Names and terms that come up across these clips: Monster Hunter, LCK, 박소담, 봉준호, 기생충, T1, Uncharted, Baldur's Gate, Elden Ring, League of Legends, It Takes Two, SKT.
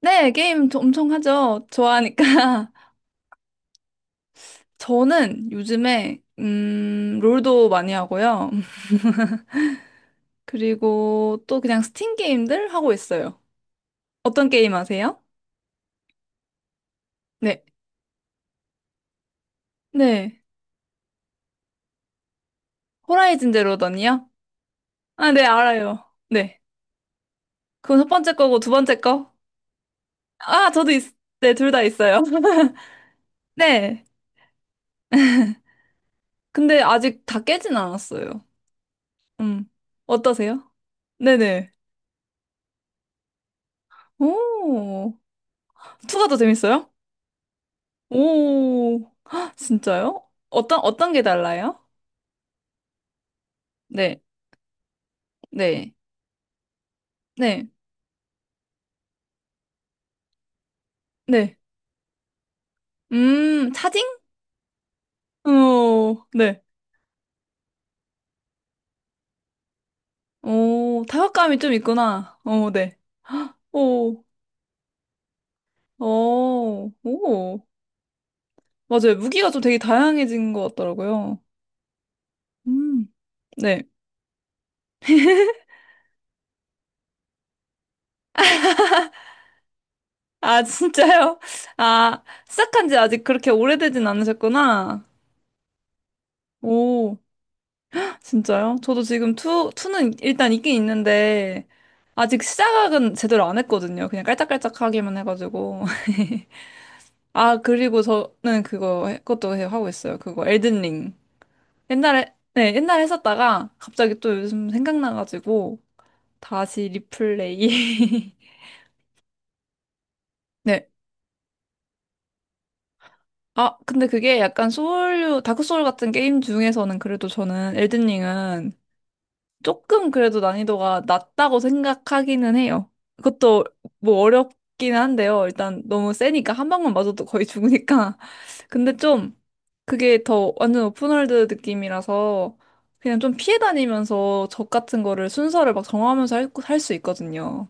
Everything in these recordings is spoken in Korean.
네, 게임 엄청 하죠. 좋아하니까. 저는 요즘에, 롤도 많이 하고요. 그리고 또 그냥 스팀 게임들 하고 있어요. 어떤 게임 아세요? 네. 네. 호라이즌 제로 던이요? 아, 네, 알아요. 네. 그건 첫 번째 거고 두 번째 거? 아, 네, 둘 다 있어요. 네. 근데 아직 다 깨진 않았어요. 음. 어떠세요? 네네. 오. 투가 더 재밌어요? 오, 헉, 진짜요? 어떤 게 달라요? 네, 네, 네, 네. 차징? 오, 네. 오, 타격감이 좀 있구나. 오, 네. 오, 오, 오. 맞아요. 무기가 좀 되게 다양해진 것 같더라고요. 음, 네. 아, 진짜요? 아, 시작한 지 아직 그렇게 오래되진 않으셨구나. 오. 진짜요? 저도 지금 투는 일단 있긴 있는데, 아직 시작은 제대로 안 했거든요. 그냥 깔짝깔짝하기만 해가지고. 아, 그리고 저는 그거, 그것도 하고 있어요. 그거, 엘든링. 옛날에, 네, 옛날에 했었다가, 갑자기 또 요즘 생각나가지고, 다시 리플레이. 네. 아, 근데 그게 약간 소울류, 다크소울 같은 게임 중에서는 그래도 저는 엘든링은 조금 그래도 난이도가 낮다고 생각하기는 해요. 그것도 뭐 어렵긴 한데요. 일단 너무 세니까 한 방만 맞아도 거의 죽으니까. 근데 좀 그게 더 완전 오픈월드 느낌이라서 그냥 좀 피해 다니면서 적 같은 거를 순서를 막 정하면서 할수 있거든요.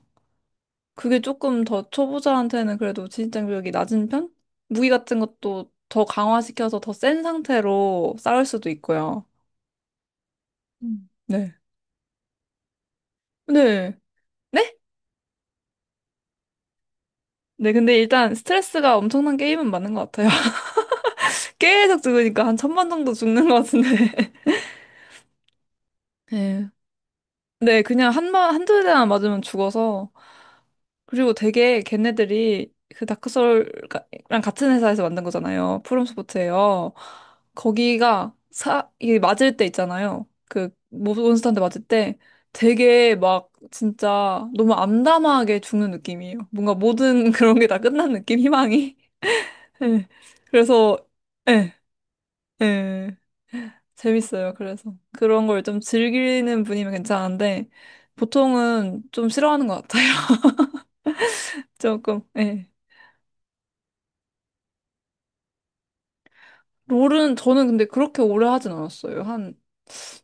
그게 조금 더 초보자한테는 그래도 진입장벽이 낮은 편? 무기 같은 것도 더 강화시켜서 더 센 상태로 싸울 수도 있고요. 음. 네. 네. 네? 네, 근데 일단 스트레스가 엄청난 게임은 맞는 것 같아요. 계속 죽으니까 한 천번 정도 죽는 것 같은데. 네. 네, 그냥 한 번, 한두 대만 맞으면 죽어서. 그리고 되게 걔네들이 그 다크소울랑 같은 회사에서 만든 거잖아요. 프롬소프트예요. 거기가 이게 맞을 때 있잖아요. 그 몬스터한테 맞을 때 되게 막 진짜 너무 암담하게 죽는 느낌이에요. 뭔가 모든 그런 게 다 끝난 느낌, 희망이. 네. 그래서 예. 예, 재밌어요. 그래서 그런 걸 좀 즐기는 분이면 괜찮은데 보통은 좀 싫어하는 것 같아요. 조금. 예. 롤은 저는 근데 그렇게 오래 하진 않았어요. 한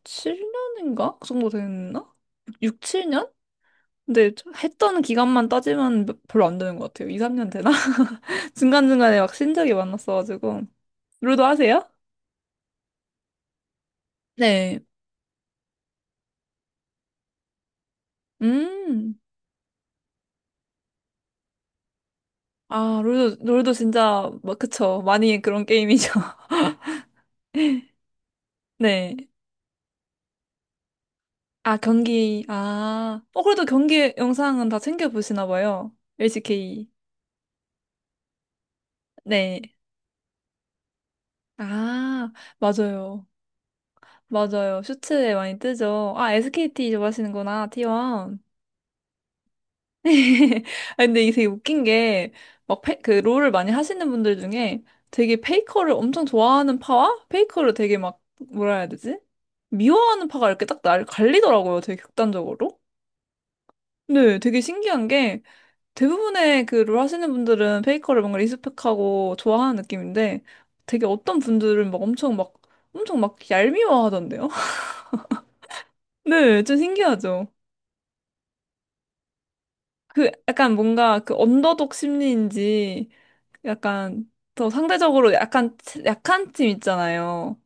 7년인가? 그 정도 됐나? 6, 7년? 근데 했던 기간만 따지면 별로 안 되는 것 같아요. 2, 3년 되나? 중간중간에 막 신적이 많았어가지고. 롤도 하세요? 네. 음. 아, 롤도 진짜, 막, 그쵸. 많이 그런 게임이죠. 네. 아, 아. 어, 그래도 경기 영상은 다 챙겨보시나 봐요. LCK. 네. 아, 맞아요. 맞아요. 슈츠에 많이 뜨죠. 아, SKT 좋아하시는구나, T1. 아, 근데 이게 되게 웃긴 게, 막, 그, 롤을 많이 하시는 분들 중에 되게 페이커를 엄청 좋아하는 파와 페이커를 되게 막, 뭐라 해야 되지? 미워하는 파가 이렇게 딱 날 갈리더라고요. 되게 극단적으로. 네, 되게 신기한 게, 대부분의 그롤 하시는 분들은 페이커를 뭔가 리스펙하고 좋아하는 느낌인데 되게 어떤 분들은 막 엄청 막 얄미워하던데요? 네, 좀 신기하죠. 그 약간 뭔가 그 언더독 심리인지 약간 더 상대적으로 약간 약한 팀 있잖아요.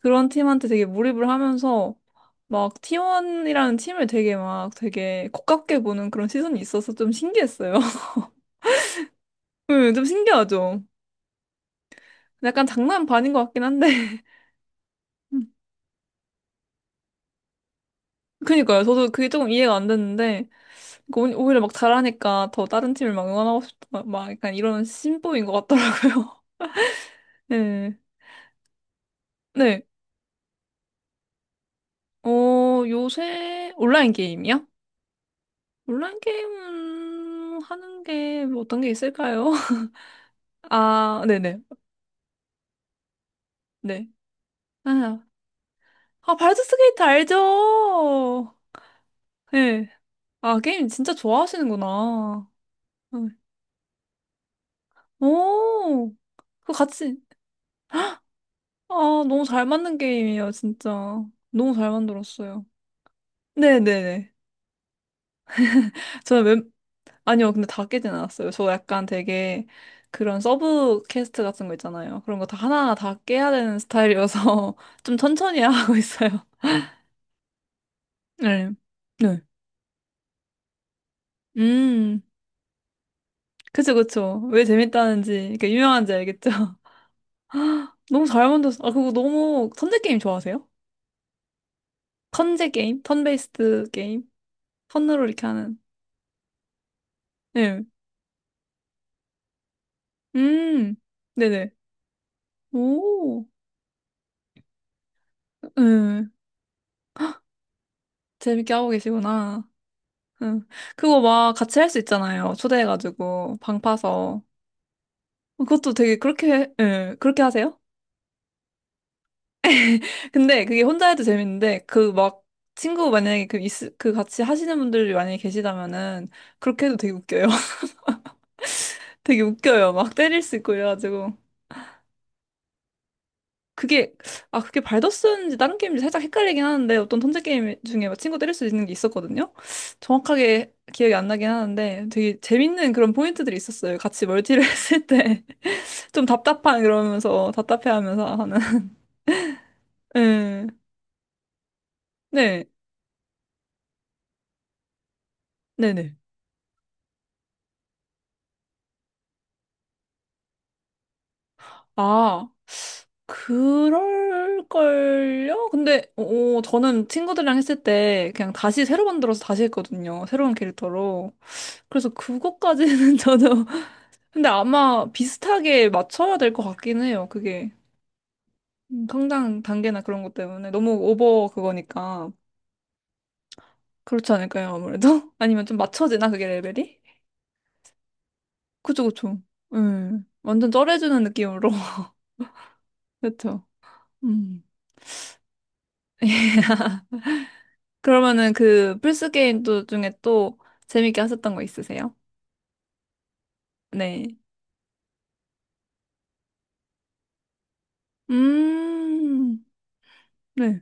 그런 팀한테 되게 몰입을 하면서 막 T1이라는 팀을 되게 막 되게 고깝게 보는 그런 시선이 있어서 좀 신기했어요. 네, 좀 신기하죠. 약간 장난 반인 것 같긴 한데. 그니까요. 저도 그게 조금 이해가 안 됐는데, 그러니까 오히려 막 잘하니까 더 다른 팀을 막 응원하고 싶다. 막 약간 이런 심보인 것 같더라고요. 네. 네. 어, 요새 온라인 게임이요? 온라인 게임 하는 게뭐 어떤 게 있을까요? 아, 네네. 네. 아, 아, 발드 스케이트 알죠? 네. 아, 게임 진짜 좋아하시는구나. 네. 오, 그거 같이. 아, 너무 잘 맞는 게임이에요, 진짜. 너무 잘 만들었어요. 네네네. 저는 웬, 아니요, 근데 다 깨진 않았어요. 저 약간 되게 그런 서브 퀘스트 같은 거 있잖아요. 그런 거 다 하나하나 다 깨야 되는 스타일이어서 좀 천천히 하고 있어요. 네. 네. 음, 그쵸, 그쵸. 왜 재밌다는지, 이렇게 유명한지 알겠죠? 너무 잘 만들었어. 아, 그거 너무, 턴제 게임 좋아하세요? 턴제 게임? 턴베이스드 게임? 턴으로 이렇게 하는. 네. 음, 네네. 오, 응. 재밌게 하고 계시구나. 응. 그거 막 같이 할 수 있잖아요. 초대해가지고, 방 파서. 그것도 되게 그렇게, 예, 그렇게 하세요? 근데 그게 혼자 해도 재밌는데, 그 막, 친구 만약에 그 같이 하시는 분들이 만약에 계시다면은, 그렇게 해도 되게 웃겨요. 되게 웃겨요. 막 때릴 수 있고 이래가지고. 그게 그게 발더스인지 다른 게임인지 살짝 헷갈리긴 하는데 어떤 턴제 게임 중에 막 친구 때릴 수 있는 게 있었거든요. 정확하게 기억이 안 나긴 하는데 되게 재밌는 그런 포인트들이 있었어요. 같이 멀티를 했을 때 좀 답답한 그러면서 답답해하면서 하는. 네, 네, 네, 네. 아 그럴걸요? 근데 저는 친구들이랑 했을 때 그냥 다시 새로 만들어서 다시 했거든요. 새로운 캐릭터로. 그래서 그것까지는 저도 근데 아마 비슷하게 맞춰야 될 것 같긴 해요. 그게 성장 단계나 그런 것 때문에 너무 오버 그거니까 그렇지 않을까요? 아무래도 아니면 좀 맞춰지나 그게 레벨이? 그쵸 그쵸. 완전 쩔어주는 느낌으로 그쵸. 음 그러면은 그 플스 게임 또 중에 또 재밌게 하셨던 거 있으세요? 네. 음 네.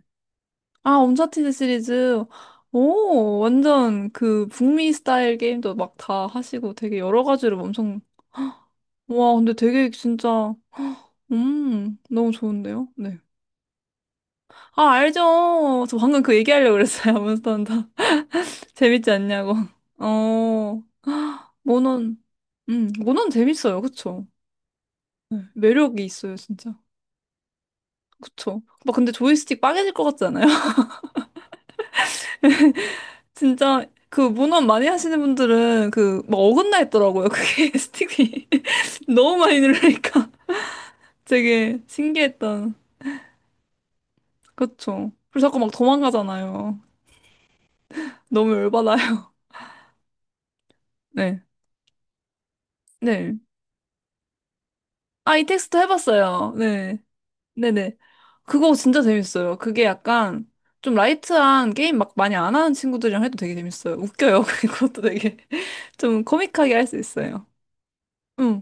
아, 언차티드 시리즈. 오, 완전 그 북미 스타일 게임도 막 다 하시고 되게 여러 가지로 엄청, 와, 근데 되게 진짜, 너무 좋은데요? 네. 아, 알죠. 저 방금 그 얘기하려고 그랬어요. 몬스터 헌터. 재밌지 않냐고. 어, 모논, 모논 재밌어요. 그쵸? 네, 매력이 있어요, 진짜. 그쵸? 막 근데 조이스틱 빠개질 것 같지 않아요? 진짜 그 문어 많이 하시는 분들은 그 막 어긋나 있더라고요. 그게 스틱이 너무 많이 누르니까 되게 신기했던. 그쵸. 그리고 자꾸 막 도망가잖아요. 너무 열받아요. 네. 네. 아, 이 텍스트 해봤어요. 네. 네네. 그거 진짜 재밌어요. 그게 약간 좀 라이트한 게임 막 많이 안 하는 친구들이랑 해도 되게 재밌어요. 웃겨요. 그것도 되게 좀 코믹하게 할 수 있어요. 응.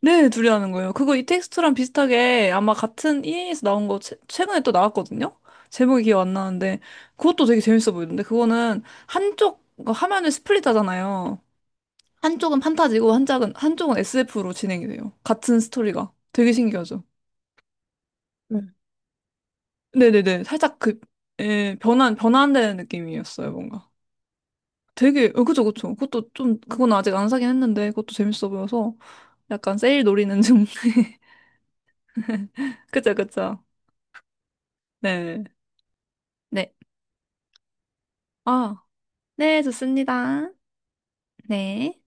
네, 둘이 하는 거예요. 그거 이 텍스트랑 비슷하게 아마 같은 EA에서 나온 거 최근에 또 나왔거든요? 제목이 기억 안 나는데 그것도 되게 재밌어 보이던데 그거는 한쪽 그 화면을 스플릿 하잖아요. 한쪽은 판타지고 한쪽은 SF로 진행이 돼요. 같은 스토리가. 되게 신기하죠? 음. 네네네. 살짝 그 예, 변환되는 느낌이었어요, 뭔가. 되게 그죠, 그죠. 그것도 좀 그건 아직 안 사긴 했는데 그것도 재밌어 보여서 약간 세일 노리는 중. 그죠, 그죠. 네. 네. 아, 네, 좋습니다. 네.